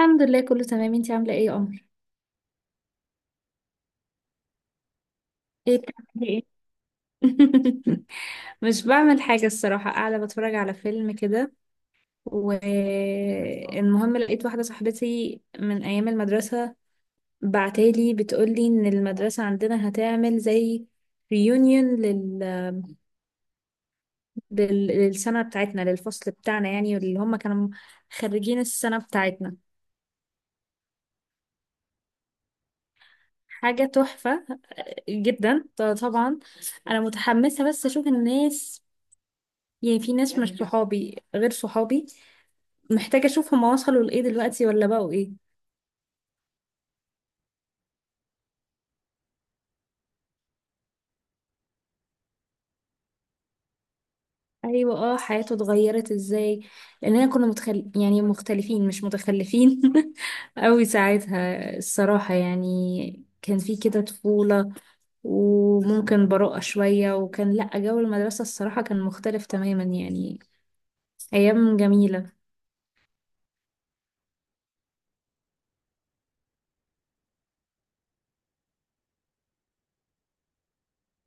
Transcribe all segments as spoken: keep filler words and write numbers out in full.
الحمد لله كله تمام، انتي عاملة ايه يا قمر؟ ايه بتعملي ايه؟ مش بعمل حاجة الصراحة، قاعدة بتفرج على فيلم كده. والمهم لقيت واحدة صاحبتي من أيام المدرسة، بعتالي بتقولي إن المدرسة عندنا هتعمل زي ريونيون لل... لل... للسنة بتاعتنا، للفصل بتاعنا يعني، اللي هم كانوا خريجين السنة بتاعتنا. حاجة تحفة جدا، ط- طبعا. أنا متحمسة بس أشوف الناس، يعني في ناس مش صحابي غير صحابي، محتاجة اشوف هما وصلوا لإيه دلوقتي ولا بقوا إيه. ايوه اه، حياته اتغيرت ازاي، لاننا كنا متخل... يعني مختلفين مش متخلفين قوي ساعتها الصراحة. يعني كان في كده طفولة وممكن براءة شوية، وكان لأ، جو المدرسة الصراحة كان مختلف تماما يعني، أيام جميلة.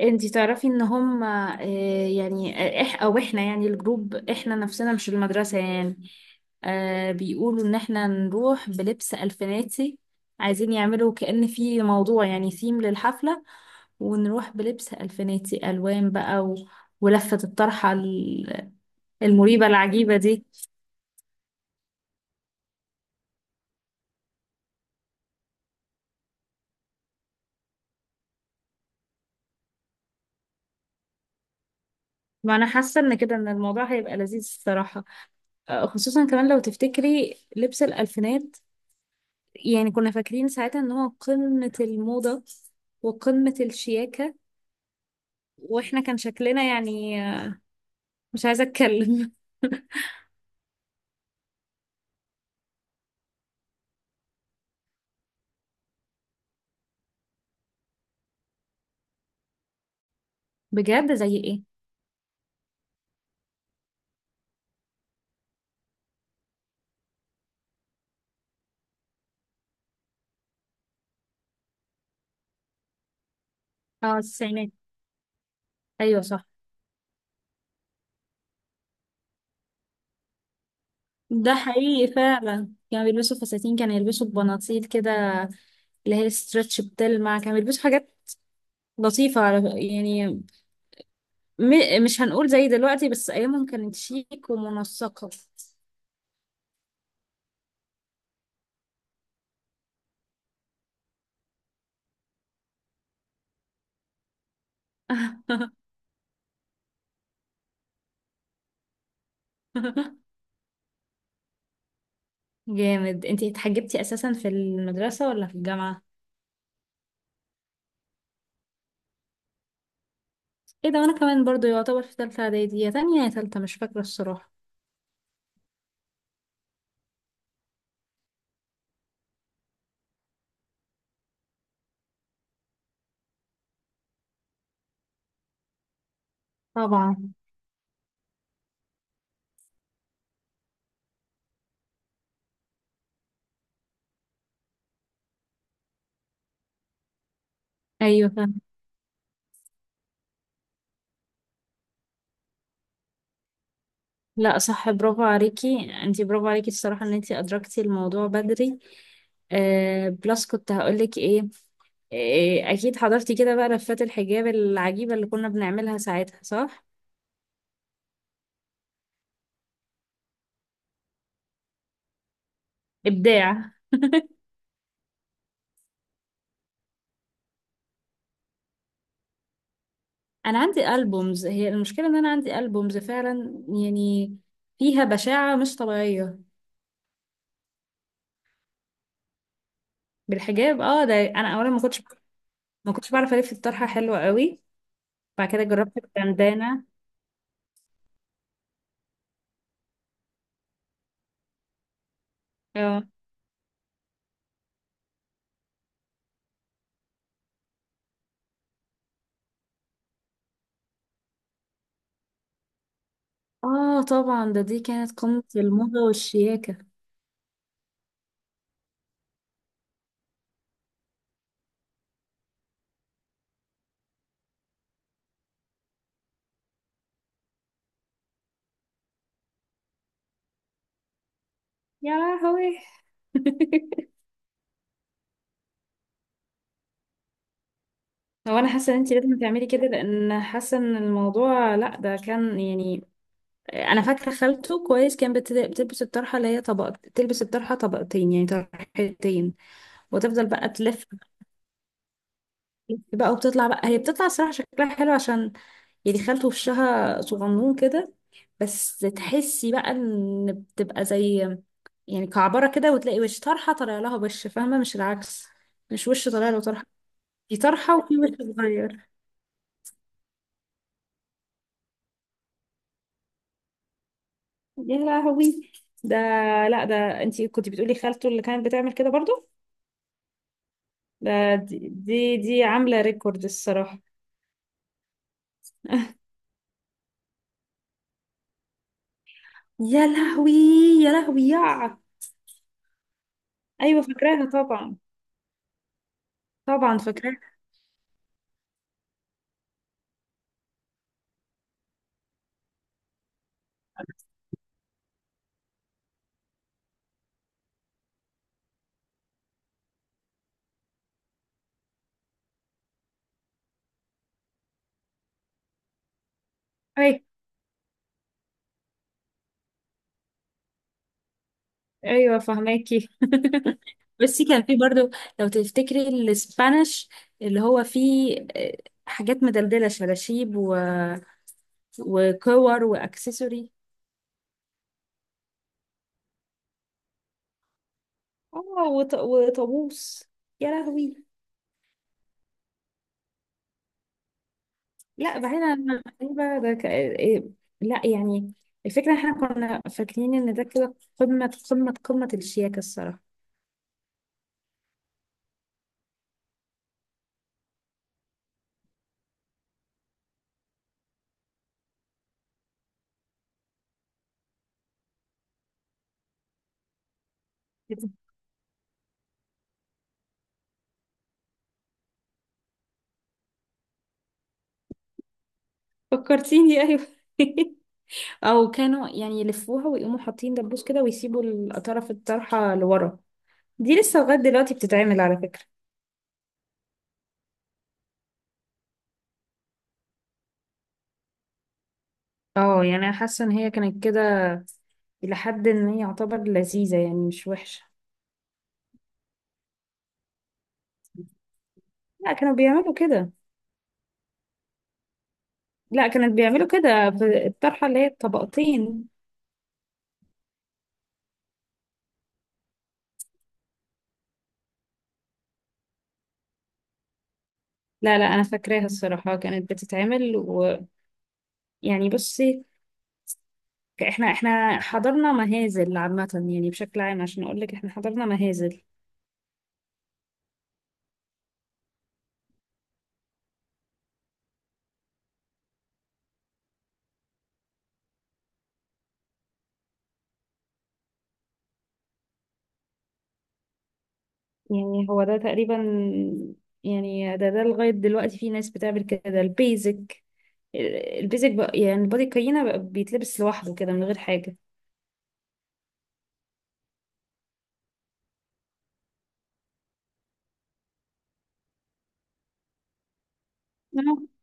انتي تعرفي ان هم آه، يعني آه، إح او احنا يعني، الجروب احنا نفسنا مش المدرسة يعني، آه بيقولوا ان احنا نروح بلبس الفيناتي، عايزين يعملوا كأن في موضوع يعني ثيم للحفلة، ونروح بلبس الفيناتي الوان بقى و... ولفة الطرحة ال- المريبة العجيبة دي. ما انا حاسة ان كده ان الموضوع هيبقى لذيذ الصراحة. آه، خصوصا كمان لو تفتكري لبس الألفينات، يعني كنا فاكرين ساعتها ان هو قمة الموضة وقمة الشياكة، واحنا كان شكلنا يعني آه، مش عايزة اتكلم. بجد؟ زي ايه؟ اه التسعينات، ايوه صح. ده حقيقي فعلا، كانوا بيلبسوا فساتين، كانوا يلبسوا بناطيل كده اللي هي ستريتش بتلمع، كانوا بيلبسوا حاجات لطيفة على يعني، م... مش هنقول زي دلوقتي، بس أيامهم كانت شيك ومنسقة. جامد. انتي اتحجبتي اساسا في المدرسة ولا في الجامعة؟ ايه ده، وانا كمان برضو يعتبر في تالتة اعدادي، يا تانية يا تالتة مش فاكرة الصراحة. طبعا. ايوه فاهمة. لا صح، برافو عليكي انتي، برافو عليكي الصراحة ان انتي ادركتي الموضوع بدري. آه بلس، كنت هقولك ايه، إيه اكيد حضرتي كده بقى لفات الحجاب العجيبة اللي كنا بنعملها ساعتها، صح؟ ابداع. انا عندي البومز، هي المشكلة ان انا عندي البومز فعلا يعني فيها بشاعة مش طبيعية. بالحجاب، اه. ده انا اولا، ما كنتش ما كنتش بعرف الف الطرحة حلوة قوي. بعد كده جربت البندانة. اه. اه طبعا، ده دي كانت قمة الموضة والشياكة. يا لهوي. هو انا حاسه ان انت لازم تعملي كده، لان حاسه ان الموضوع، لا ده كان يعني، انا فاكره خالته كويس، كان بت- بتلبس الطرحه اللي هي طبق، تلبس الطرحه طبقتين يعني طرحتين، وتفضل بقى تلف، تلف بقى، وبتطلع بقى، هي بتطلع الصراحه شكلها حلو عشان يعني خالته وشها صغنون كده، بس تحسي بقى ان بتبقى زي يعني كعبرة كده، وتلاقي وش طرحة طالع لها وش، فاهمة؟ مش العكس، مش وش طالع له طرحة، في طرحة وفي وش صغير. يا لهوي. ده لا، ده انتي كنت بتقولي خالته اللي كانت بتعمل كده برضو. ده دي دي, دي عاملة ريكورد الصراحة. يا لهوي، يا لهوي يا ايوه فاكراها طبعا، طبعا فاكراها. ايوه فهماكي. بس كان في برضو، لو تفتكري الاسبانيش اللي هو فيه آه، حاجات مدلدلة، شلاشيب و... وكور واكسسوري. اه وط... وطابوس. يا لهوي. لا بعيدا عن المغربة، ده ك... إيه، لا يعني الفكرة احنا كنا فاكرين ان ده كده قمة قمة قمة الشياكة الصراحة. فكرتيني ايوه. او كانوا يعني يلفوها ويقوموا حاطين دبوس كده، ويسيبوا الطرف، الطرحة لورا، دي لسه لغاية دلوقتي بتتعمل على فكرة. اه يعني انا حاسة ان هي كانت كده لحد ان هي يعتبر لذيذة يعني مش وحشة. لا كانوا بيعملوا كده، لا كانت بيعملوا كده في الطرحة اللي هي الطبقتين. لا لا انا فاكراها الصراحة، كانت بتتعمل ويعني بصي، احنا احنا حضرنا مهازل عامة يعني، بشكل عام عشان اقول لك احنا حضرنا مهازل. يعني هو ده تقريبا، يعني ده ده لغاية دلوقتي في ناس بتعمل كده البيزك، البيزك بقى يعني البادي كاينة بقى بيتلبس لوحده كده من غير حاجة. آه،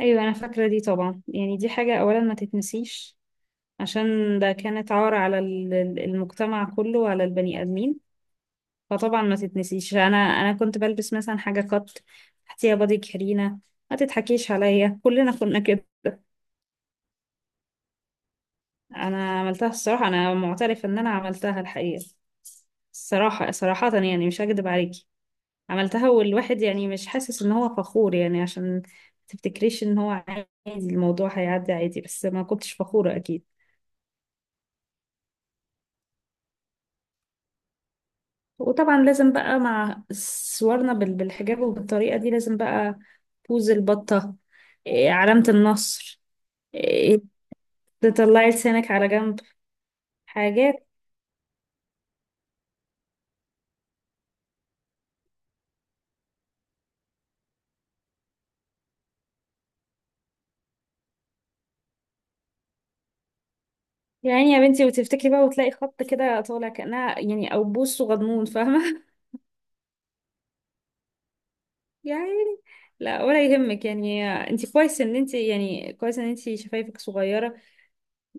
أيوة أنا فاكرة دي طبعا، يعني دي حاجة أولا ما تتنسيش، عشان ده كانت عار على ال- ال- المجتمع كله وعلى البني آدمين. فطبعا ما تتنسيش، أنا أنا كنت بلبس مثلا حاجة قط تحتيها بادي كارينا. ما تضحكيش عليا، كلنا كنا كده. أنا عملتها الصراحة، أنا معترف إن أنا عملتها الحقيقة، الصراحة صراحة يعني مش هكدب عليكي، عملتها. والواحد يعني مش حاسس ان هو فخور، يعني عشان ما تفتكريش ان هو عادي الموضوع هيعدي عادي، بس ما كنتش فخورة اكيد. وطبعا لازم بقى مع صورنا بال- بالحجاب وبالطريقة دي لازم بقى بوز البطة، إيه، علامة النصر، إيه، تطلعي لسانك على جنب، حاجات. يعني يا بنتي، وتفتكري بقى وتلاقي خط كده طالع كأنها يعني أو بوس وغضمون، فاهمة؟ يعني، لا ولا يهمك يعني. انت كويس ان انت يعني، كويس ان انت شفايفك صغيرة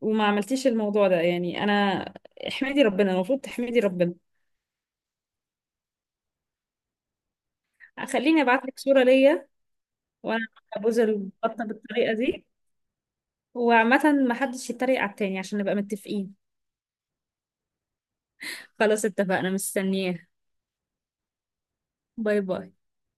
وما عملتيش الموضوع ده يعني. انا احمدي ربنا، المفروض تحمدي ربنا. خليني ابعت لك صورة ليا وانا ببوز البطة بالطريقة دي. وعامة ما حدش يتريق على التاني عشان نبقى متفقين. خلاص اتفقنا، مستنياه. باي باي.